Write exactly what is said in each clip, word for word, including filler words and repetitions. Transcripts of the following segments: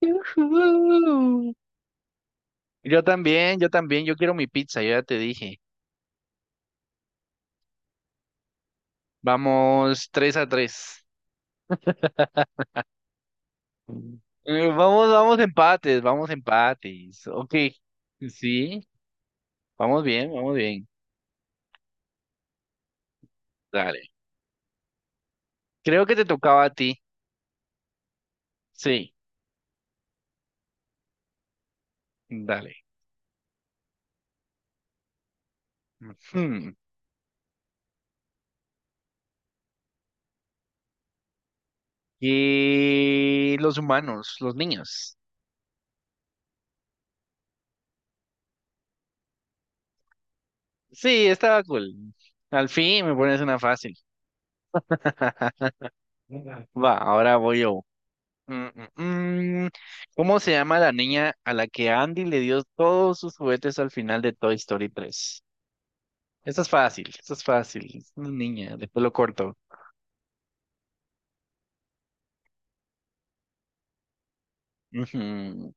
Ujú. Yo también, yo también, yo quiero mi pizza, yo ya te dije. Vamos tres a tres. Vamos, vamos empates, vamos empates. Ok. Sí, vamos bien, vamos bien. Dale. Creo que te tocaba a ti. Sí, dale. Ujú. Y los humanos, los niños. Sí, estaba cool. Al fin me pones una fácil. Va, ahora voy yo. Mm, mm, mm. ¿Cómo se llama la niña a la que Andy le dio todos sus juguetes al final de Toy Story tres? Esto es fácil, esto es fácil. Es una niña de pelo corto. Ujú.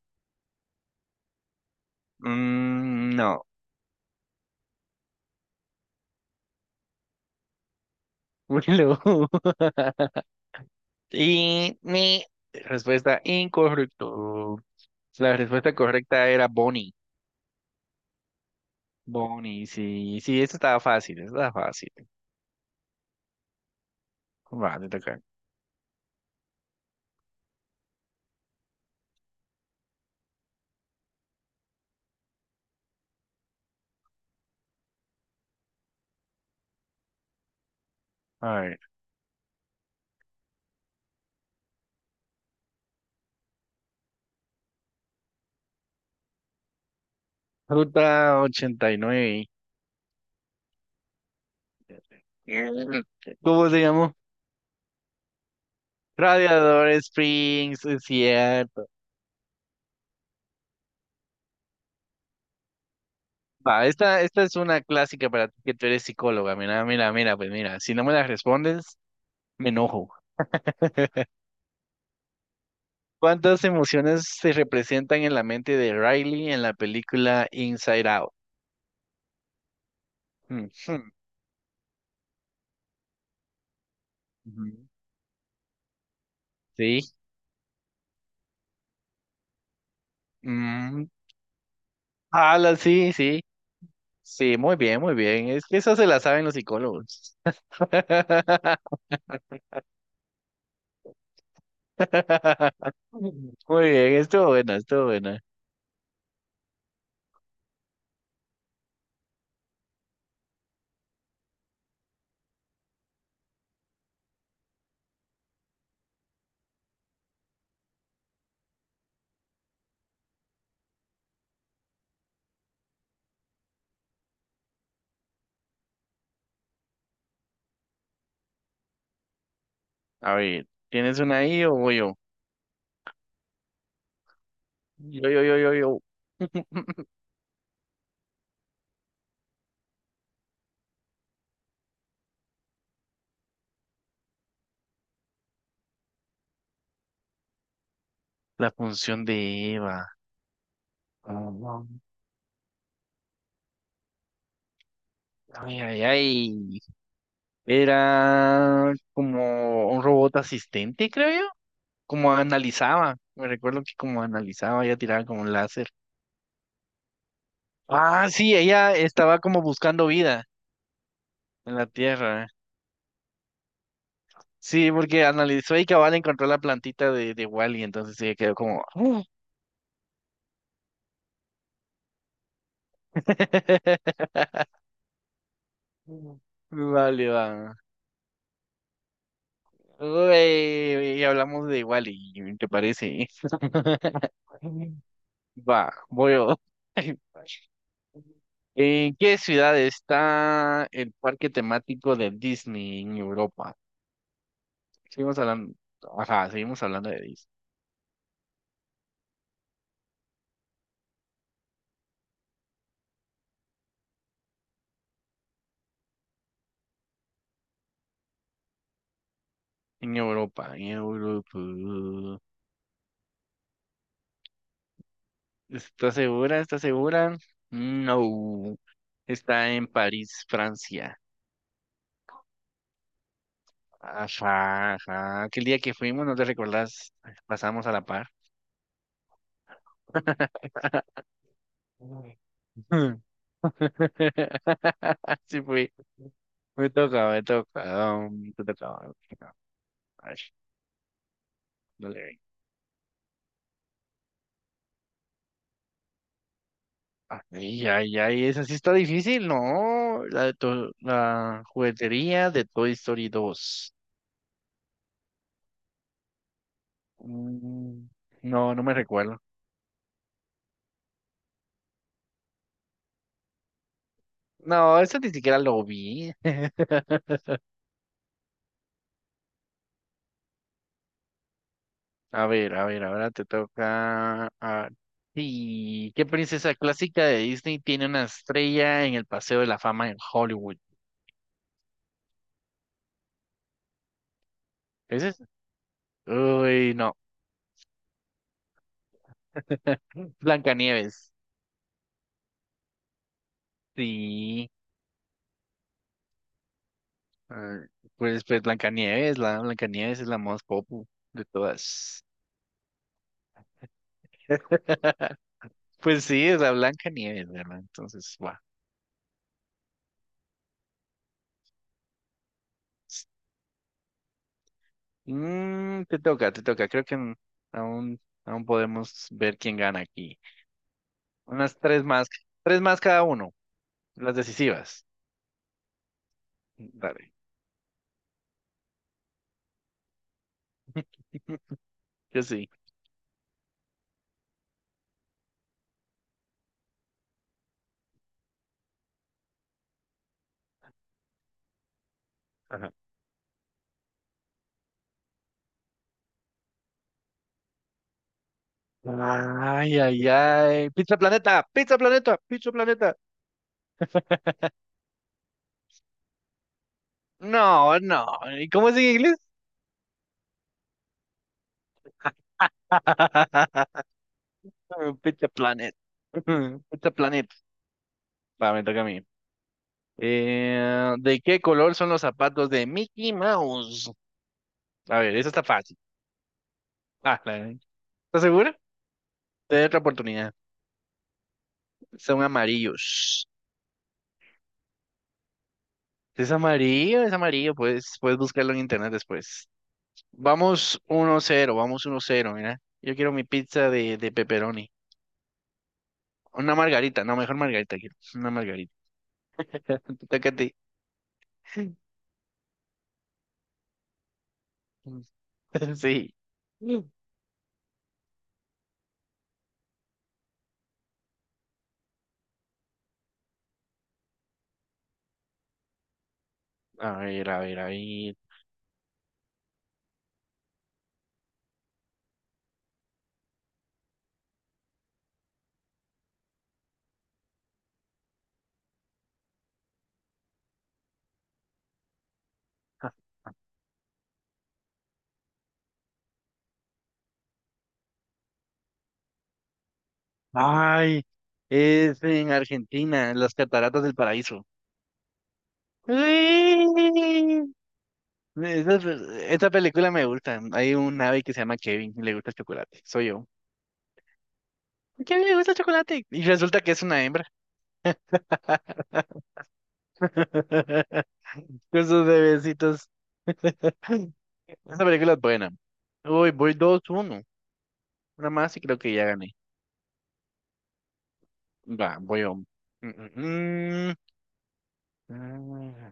Mm, no. Willow. Y mi respuesta incorrecto. La respuesta correcta era Bonnie. Bonnie, sí, sí, esto estaba fácil, esto estaba fácil. Va, te toca. A ver. Ruta ochenta y nueve. ¿Cómo se llamó? Radiador Springs, es cierto. Va, esta, esta es una clásica para ti que tú eres psicóloga. Mira, mira, mira, pues mira, si no me la respondes, me enojo. ¿Cuántas emociones se representan en la mente de Riley en la película Inside Out? Mm, hmm, ujú. Sí. mm, ala, sí, sí. Sí, muy bien, muy bien. Es que eso se la saben los psicólogos. Muy bien, estuvo buena, estuvo buena. A ver, ¿tienes una ahí o voy yo? Yo, yo, yo, yo, yo. La función de Eva. Ay, ay, ay. Era como un robot asistente, creo yo. Como analizaba. Me recuerdo que como analizaba, ella tiraba como un láser. Ah, sí, ella estaba como buscando vida en la Tierra. Sí, porque analizó y cabal encontró la plantita de, de Wally, entonces ella quedó como "Uh". Vale, va. Uy, y hablamos de Wally, ¿te parece? Va, voy yo. ¿En qué ciudad está el parque temático de Disney en Europa? Seguimos hablando, ajá, seguimos hablando de Disney. En Europa, en Europa. ¿Estás segura? ¿Estás segura? No. Está en París, Francia. Ajá, ajá. Aquel día que fuimos, ¿no te recordás? Pasamos a la par. Mm. Sí fui. Me toca, me toca. Um, te toca. Me toca. Ay, dale, ven. Ay, ay, ay, esa sí está difícil, ¿no? La de to- la juguetería de Toy Story dos. Mm, no, no me recuerdo. No, esa ni siquiera lo vi. A ver, a ver, ahora te toca. Ah, sí, ¿qué princesa clásica de Disney tiene una estrella en el Paseo de la Fama en Hollywood? ¿Es esa? Uy, no. Blancanieves. Sí. Ah, Pues, pues Blancanieves, la Blancanieves es la más popu de todas. Pues sí, es la Blancanieves, ¿verdad? Entonces, va. Mm, te toca, te toca. Creo que mm, aún, aún podemos ver quién gana aquí. Unas tres más, tres más cada uno, las decisivas. Dale, yo sí. Ajá. Ay, ay, ay. Pizza Planeta, Pizza Planeta, Pizza Planeta. No, no. ¿Y cómo es en inglés? Pizza Planet. Pizza Planet. Va, me toca a mí. Eh, ¿de qué color son los zapatos de Mickey Mouse? A ver, eso está fácil. Ah, la- ¿Estás segura? Te doy otra oportunidad. Son amarillos. Es amarillo, es amarillo, pues puedes buscarlo en internet después. Vamos uno cero, vamos uno cero, mira. Yo quiero mi pizza de, de pepperoni. Una margarita, no, mejor margarita quiero. Una margarita. Te toca a ti. Sí. A ver, a ver, a ver. Ay, es en Argentina, en las Cataratas del Paraíso. ¡Uy! Esa, esa película me gusta. Hay un ave que se llama Kevin y le gusta el chocolate. Soy yo. ¿A Kevin le gusta el chocolate? Y resulta que es una hembra. Con sus bebecitos. Esa película es buena. Uy, voy dos uno. Una más y creo que ya gané. Va, voy a. Mm, mm, mm.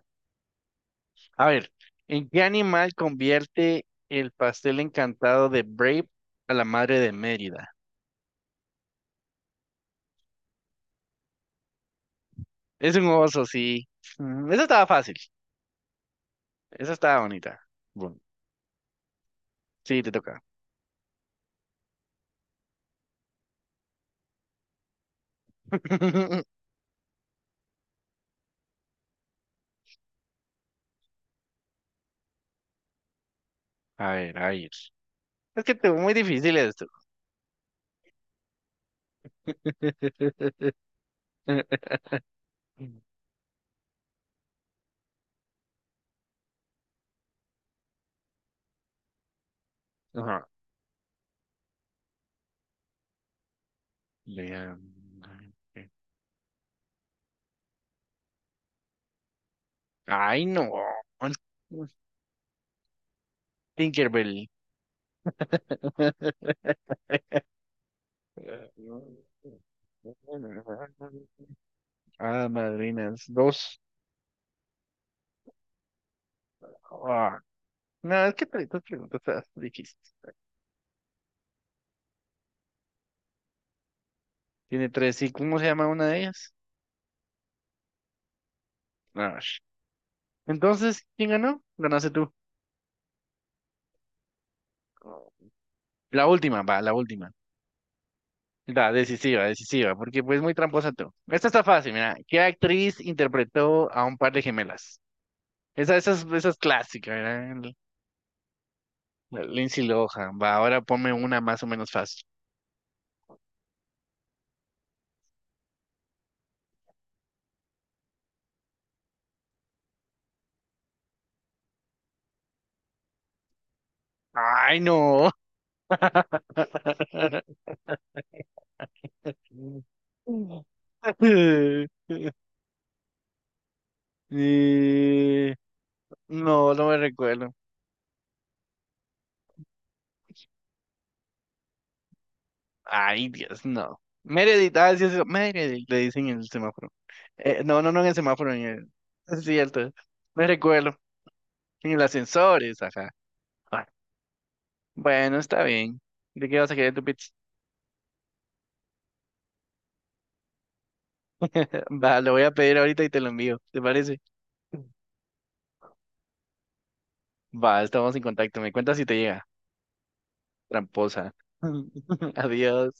A ver, ¿en qué animal convierte el pastel encantado de Brave a la madre de Mérida? Es un oso, sí. Mm, Esa estaba fácil. Esa estaba bonita. Bueno, sí, te toca. A ver, a ver. Es que te muy difícil esto. Ajá. Vean. eh, Ay, no. Tinkerbell. Ah, madrinas. Dos. Ah, no, es que pre- estas preguntas están difíciles. Tiene tres. ¿Y cómo se llama una de ellas? Ash. Entonces, ¿quién ganó? Ganaste tú. La última, va, la última. La decisiva, decisiva, porque pues muy tramposa tú. Esta está fácil, mira. ¿Qué actriz interpretó a un par de gemelas? Esa, esa es, esa es clásica, ¿verdad? L- la Lindsay Lohan. Va, ahora ponme una más o menos fácil. ¡Ay, no! Eh, No, no me recuerdo. Ay, Dios, no. Meredith, ah, sí, sí, Meredith, le dicen en el semáforo. Eh, no, no, no en el semáforo, en el. Es cierto, me recuerdo. En el ascensor, es, ajá. Ah, bueno, está bien. ¿De qué vas a querer tu pizza? Va, lo voy a pedir ahorita y te lo envío, ¿te parece? Va, estamos en contacto. Me cuentas si te llega. Tramposa. Adiós.